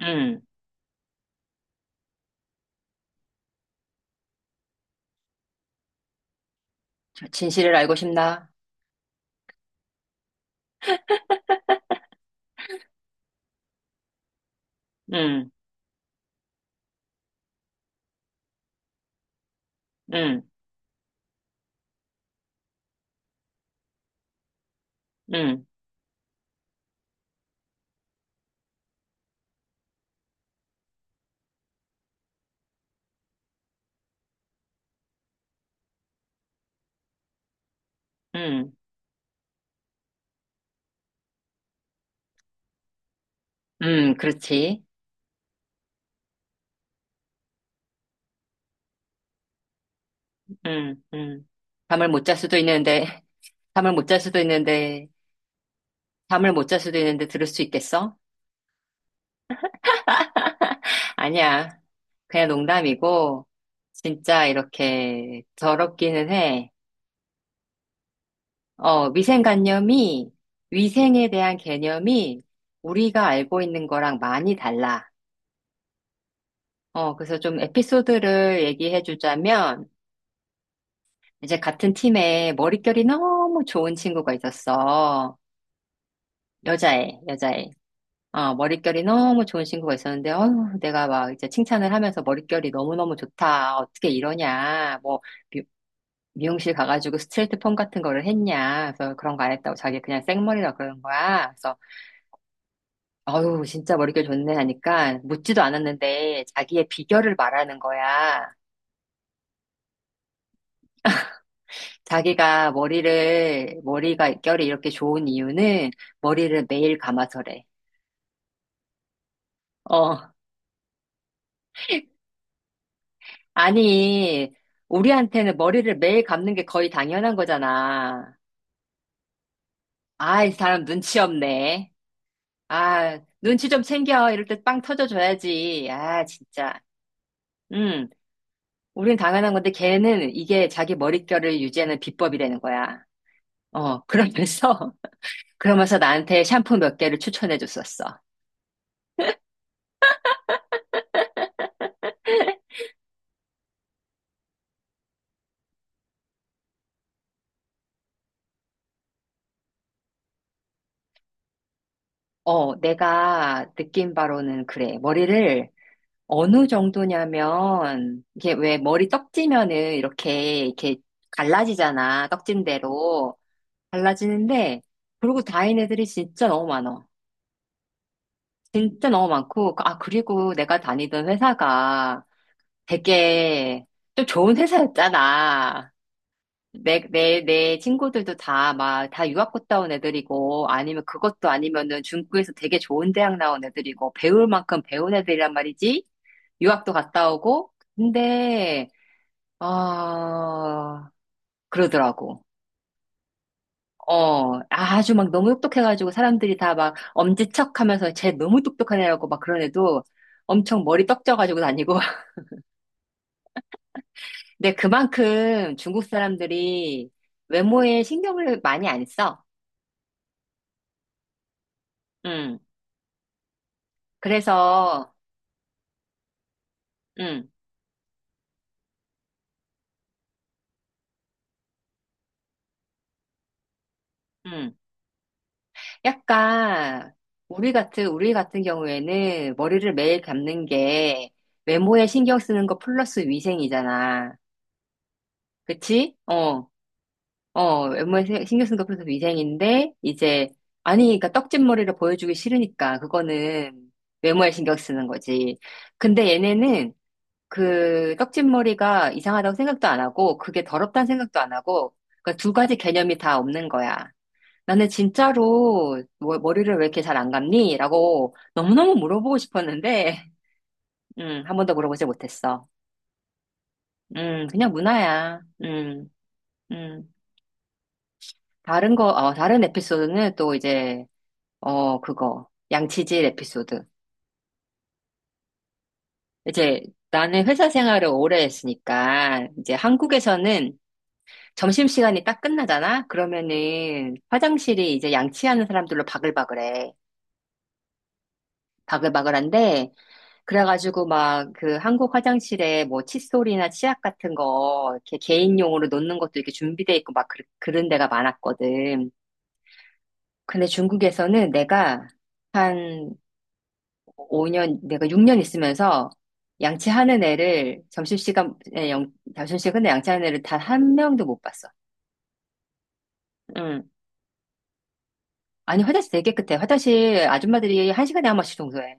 음, 진실을 알고 싶나? 음, 음, 음, 음, 그렇지. 음, 음. 잠을 못 잘 수도 있는데, 잠을 못 잘 수도 있는데, 잠을 못 잘 수도 있는데 들을 수 있겠어? 아니야. 그냥 농담이고, 진짜 이렇게 더럽기는 해. 어, 위생관념이, 위생에 대한 개념이 우리가 알고 있는 거랑 많이 달라. 그래서 좀 에피소드를 얘기해 주자면, 이제 같은 팀에 머릿결이 너무 좋은 친구가 있었어. 여자애, 여자애. 머릿결이 너무 좋은 친구가 있었는데, 어휴, 내가 막 이제 칭찬을 하면서 머릿결이 너무너무 좋다. 어떻게 이러냐. 뭐, 미, 미용실 가가지고 스트레이트 펌 같은 거를 했냐. 그래서 그런 거 안 했다고 자기 그냥 생머리라 그러는 거야. 그래서, 어휴, 진짜 머릿결 좋네 하니까 묻지도 않았는데 자기의 비결을 말하는 거야. 자기가 머리가 결이 이렇게 좋은 이유는 머리를 매일 감아서래. 어. 아니, 우리한테는 머리를 매일 감는 게 거의 당연한 거잖아. 아, 이 사람 눈치 없네. 아, 눈치 좀 챙겨. 이럴 때 빵 터져줘야지. 아, 진짜. 음 우린 당연한 건데 걔는 이게 자기 머릿결을 유지하는 비법이 되는 거야. 그러면서, 그러면서 나한테 샴푸 몇 개를 추천해 줬었어. 내가 느낀 바로는 그래. 머리를 어느 정도냐면, 이게 왜 머리 떡지면은 이렇게, 이렇게 갈라지잖아. 떡진 대로. 갈라지는데, 그러고 다닌 애들이 진짜 너무 많아. 진짜 너무 많고, 아, 그리고 내가 다니던 회사가 되게 좀 좋은 회사였잖아. 내 친구들도 다 막, 다 유학 갔다 온 애들이고, 아니면 그것도 아니면은 중국에서 되게 좋은 대학 나온 애들이고, 배울 만큼 배운 애들이란 말이지? 유학도 갔다 오고, 근데, 어, 그러더라고. 아주 막 너무 똑똑해가지고 사람들이 다 막 엄지척 하면서 쟤 너무 똑똑한 애라고 막 그런 애도 엄청 머리 떡져가지고 다니고. 근데 그만큼 중국 사람들이 외모에 신경을 많이 안 써. 음. 그래서, 음, 음. 약간 우리 같은 경우에는 머리를 매일 감는 게 외모에 신경 쓰는 거 플러스 위생이잖아. 그치? 외모에 신경 쓰는 거 플러스 위생인데 이제 아니, 그러니까 떡진 머리를 보여주기 싫으니까 그거는 외모에 신경 쓰는 거지. 근데 얘네는 그 떡진 머리가 이상하다고 생각도 안 하고 그게 더럽다는 생각도 안 하고 그러니까 두 가지 개념이 다 없는 거야. 나는 진짜로 머리를 왜 이렇게 잘 안 감니? 라고 너무너무 물어보고 싶었는데, 한 번도 물어보지 못했어. 그냥 문화야. 음. 다른 에피소드는 또 이제, 그거. 양치질 에피소드. 이제 나는 회사 생활을 오래 했으니까, 이제 한국에서는 점심시간이 딱 끝나잖아? 그러면은 화장실이 이제 양치하는 사람들로 바글바글해. 바글바글한데, 그래가지고 막 그 한국 화장실에 뭐 칫솔이나 치약 같은 거 이렇게 개인용으로 놓는 것도 이렇게 준비돼 있고 막 그런 데가 많았거든. 근데 중국에서는 내가 한 5년, 내가 6년 있으면서 양치하는 애를 점심시간에 영, 점심시간에 양치하는 애를 단 한 명도 못 봤어. 응. 아니 화장실 되게 깨끗해. 화장실 아줌마들이 한 시간에 한 번씩 청소해.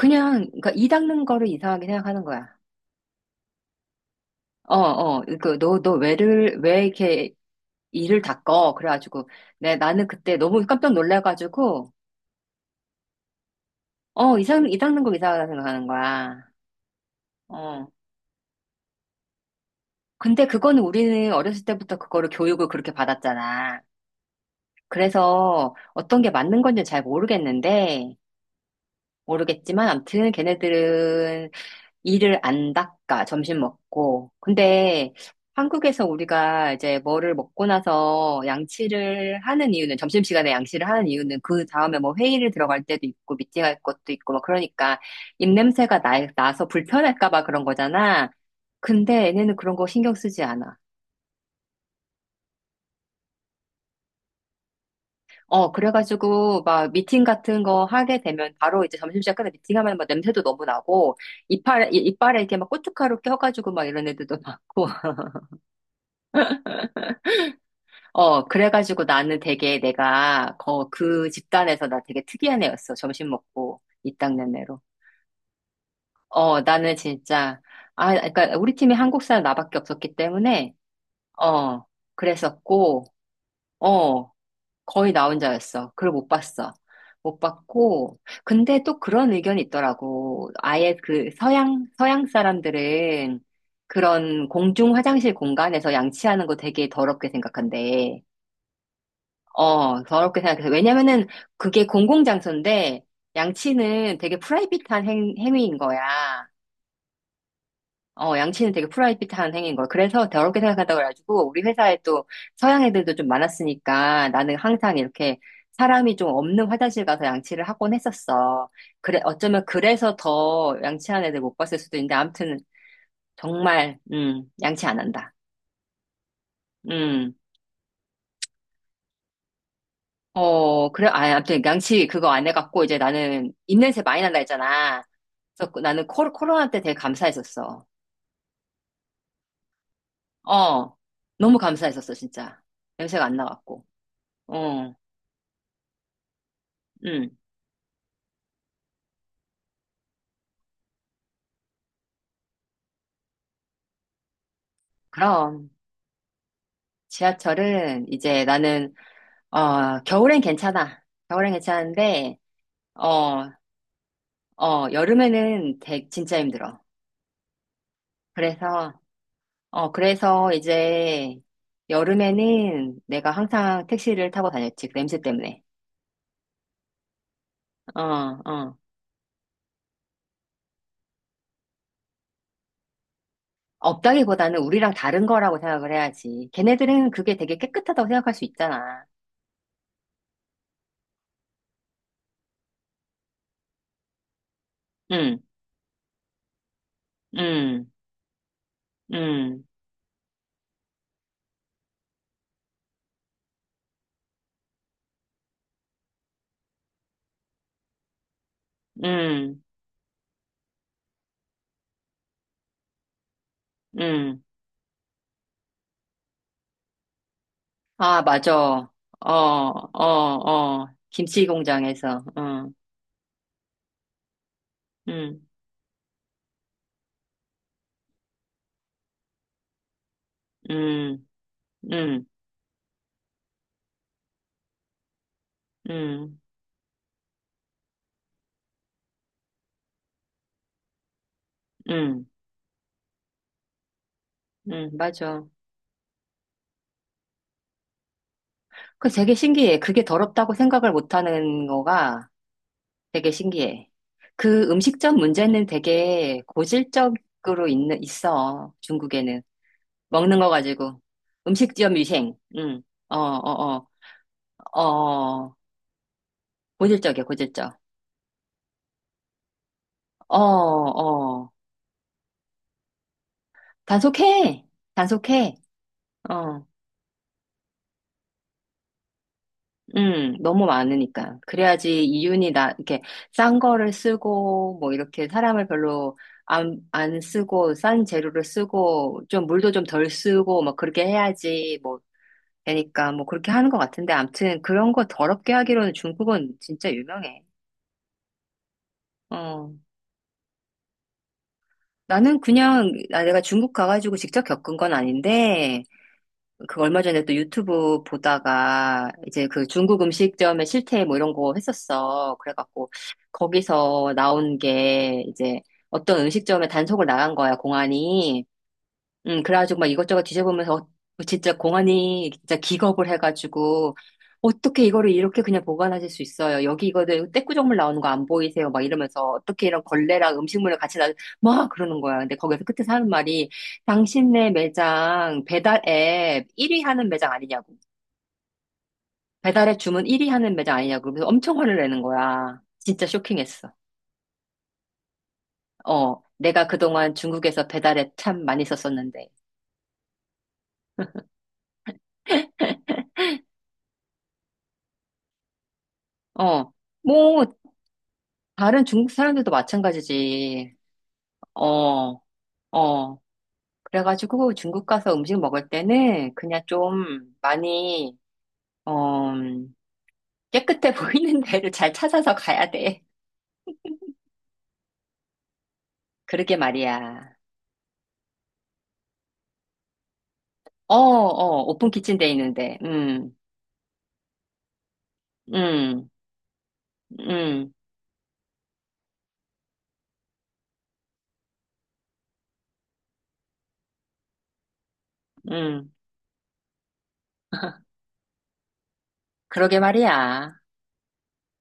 그냥 그니까이 닦는 거를 이상하게 생각하는 거야. 너 왜 이렇게 이를 닦어. 그래가지고, 내 나는 그때 너무 깜짝 놀라가지고, 이 닦는 거 이상하다 생각하는 거야. 어. 근데 그거는 우리는 어렸을 때부터 그거를 교육을 그렇게 받았잖아. 그래서 어떤 게 맞는 건지 잘 모르겠지만, 암튼 걔네들은 이를 안 닦아, 점심 먹고. 근데 한국에서 우리가 이제 뭐를 먹고 나서 양치를 하는 이유는, 점심시간에 양치를 하는 이유는 그 다음에 뭐 회의를 들어갈 때도 있고, 미팅할 것도 있고, 막 그러니까 입냄새가 나서 불편할까봐 그런 거잖아. 근데 얘네는 그런 거 신경 쓰지 않아. 그래가지고, 막, 미팅 같은 거 하게 되면, 바로 이제 점심시간 끝에 미팅하면 막 냄새도 너무 나고, 이빨에 이렇게 막 고춧가루 껴가지고 막 이런 애들도 많고, 그래가지고 나는 되게 내가 거, 그 집단에서 나 되게 특이한 애였어. 점심 먹고 이땅 내내로. 어, 나는 진짜, 아, 그러니까 우리 팀이 한국 사람 나밖에 없었기 때문에, 어, 그랬었고, 어, 거의 나 혼자였어. 그걸 못 봤어. 못 봤고, 근데 또 그런 의견이 있더라고. 아예 그 서양 사람들은 그런 공중 화장실 공간에서 양치하는 거 되게 더럽게 생각한대. 더럽게 생각해서. 왜냐면은 그게 공공장소인데 양치는 되게 프라이빗한 행위인 거야. 양치는 되게 프라이빗한 행위인 거야. 그래서 더럽게 생각한다고 그래가지고 우리 회사에 또 서양 애들도 좀 많았으니까 나는 항상 이렇게 사람이 좀 없는 화장실 가서 양치를 하곤 했었어. 그래, 어쩌면 그래서 더 양치하는 애들 못 봤을 수도 있는데 아무튼 정말, 양치 안 한다. 음. 그래, 아, 아무튼 양치 그거 안 해갖고 이제 나는 입냄새 많이 난다 했잖아. 그래서 나는 코로나 때 되게 감사했었어. 어, 너무 감사했었어, 진짜. 냄새가 안 나갖고. 어, 음 그럼 지하철은 이제 나는, 겨울엔 괜찮아. 겨울엔 괜찮은데, 어, 여름에는 되 진짜 힘들어. 그래서, 그래서 이제 여름에는 내가 항상 택시를 타고 다녔지. 그 냄새 때문에. 어, 어. 없다기보다는 우리랑 다른 거라고 생각을 해야지. 걔네들은 그게 되게 깨끗하다고 생각할 수 있잖아. 응, 응, 응, 응, 응. 아, 맞아. 어, 어, 어. 김치 공장에서. 응, 응, 응, 응, 응, 응, 응, 맞아. 되게 신기해. 그게 더럽다고 생각을 못하는 거가 되게 신기해. 음식점 문제는 되게 고질적으로 있어. 중국에는. 먹는 거 가지고. 음식점 위생. 응. 어, 어, 어, 어. 고질적이야, 고질적. 어, 어. 단속해. 단속해. 어. 너무 많으니까. 그래야지 이윤이 나, 이렇게 싼 거를 쓰고, 뭐 이렇게 사람을 별로 안 쓰고, 싼 재료를 쓰고, 좀 물도 좀 덜 쓰고, 막 그렇게 해야지, 뭐, 되니까, 뭐 그렇게 하는 것 같은데, 암튼 그런 거 더럽게 하기로는 중국은 진짜 유명해. 어. 내가 중국 가가지고 직접 겪은 건 아닌데 그 얼마 전에 또 유튜브 보다가 이제 그 중국 음식점의 실태 뭐 이런 거 했었어. 그래갖고 거기서 나온 게 이제 어떤 음식점에 단속을 나간 거야, 공안이. 그래가지고 막 이것저것 뒤져보면서 뭐 진짜 공안이 진짜 기겁을 해가지고 어떻게 이거를 이렇게 그냥 보관하실 수 있어요? 여기 이거들 떼꾸정물 나오는 거 안 보이세요? 막 이러면서 어떻게 이런 걸레랑 음식물을 같이 나, 막 그러는 거야. 근데 거기서 끝에 사는 말이 당신네 매장 배달 앱 1위 하는 매장 아니냐고. 배달 앱 주문 1위 하는 매장 아니냐고. 그래서 엄청 화를 내는 거야. 진짜 쇼킹했어. 내가 그동안 중국에서 배달 앱 참 많이 썼었는데. 어. 뭐, 다른 중국 사람들도 마찬가지지. 어, 어. 그래가지고 중국 가서 음식 먹을 때는 그냥 좀 많이, 어, 깨끗해 보이는 데를 잘 찾아서 가야 돼. 그러게 말이야. 어, 어, 오픈 키친 돼 있는데. 음, 음, 음. 그러게 말이야.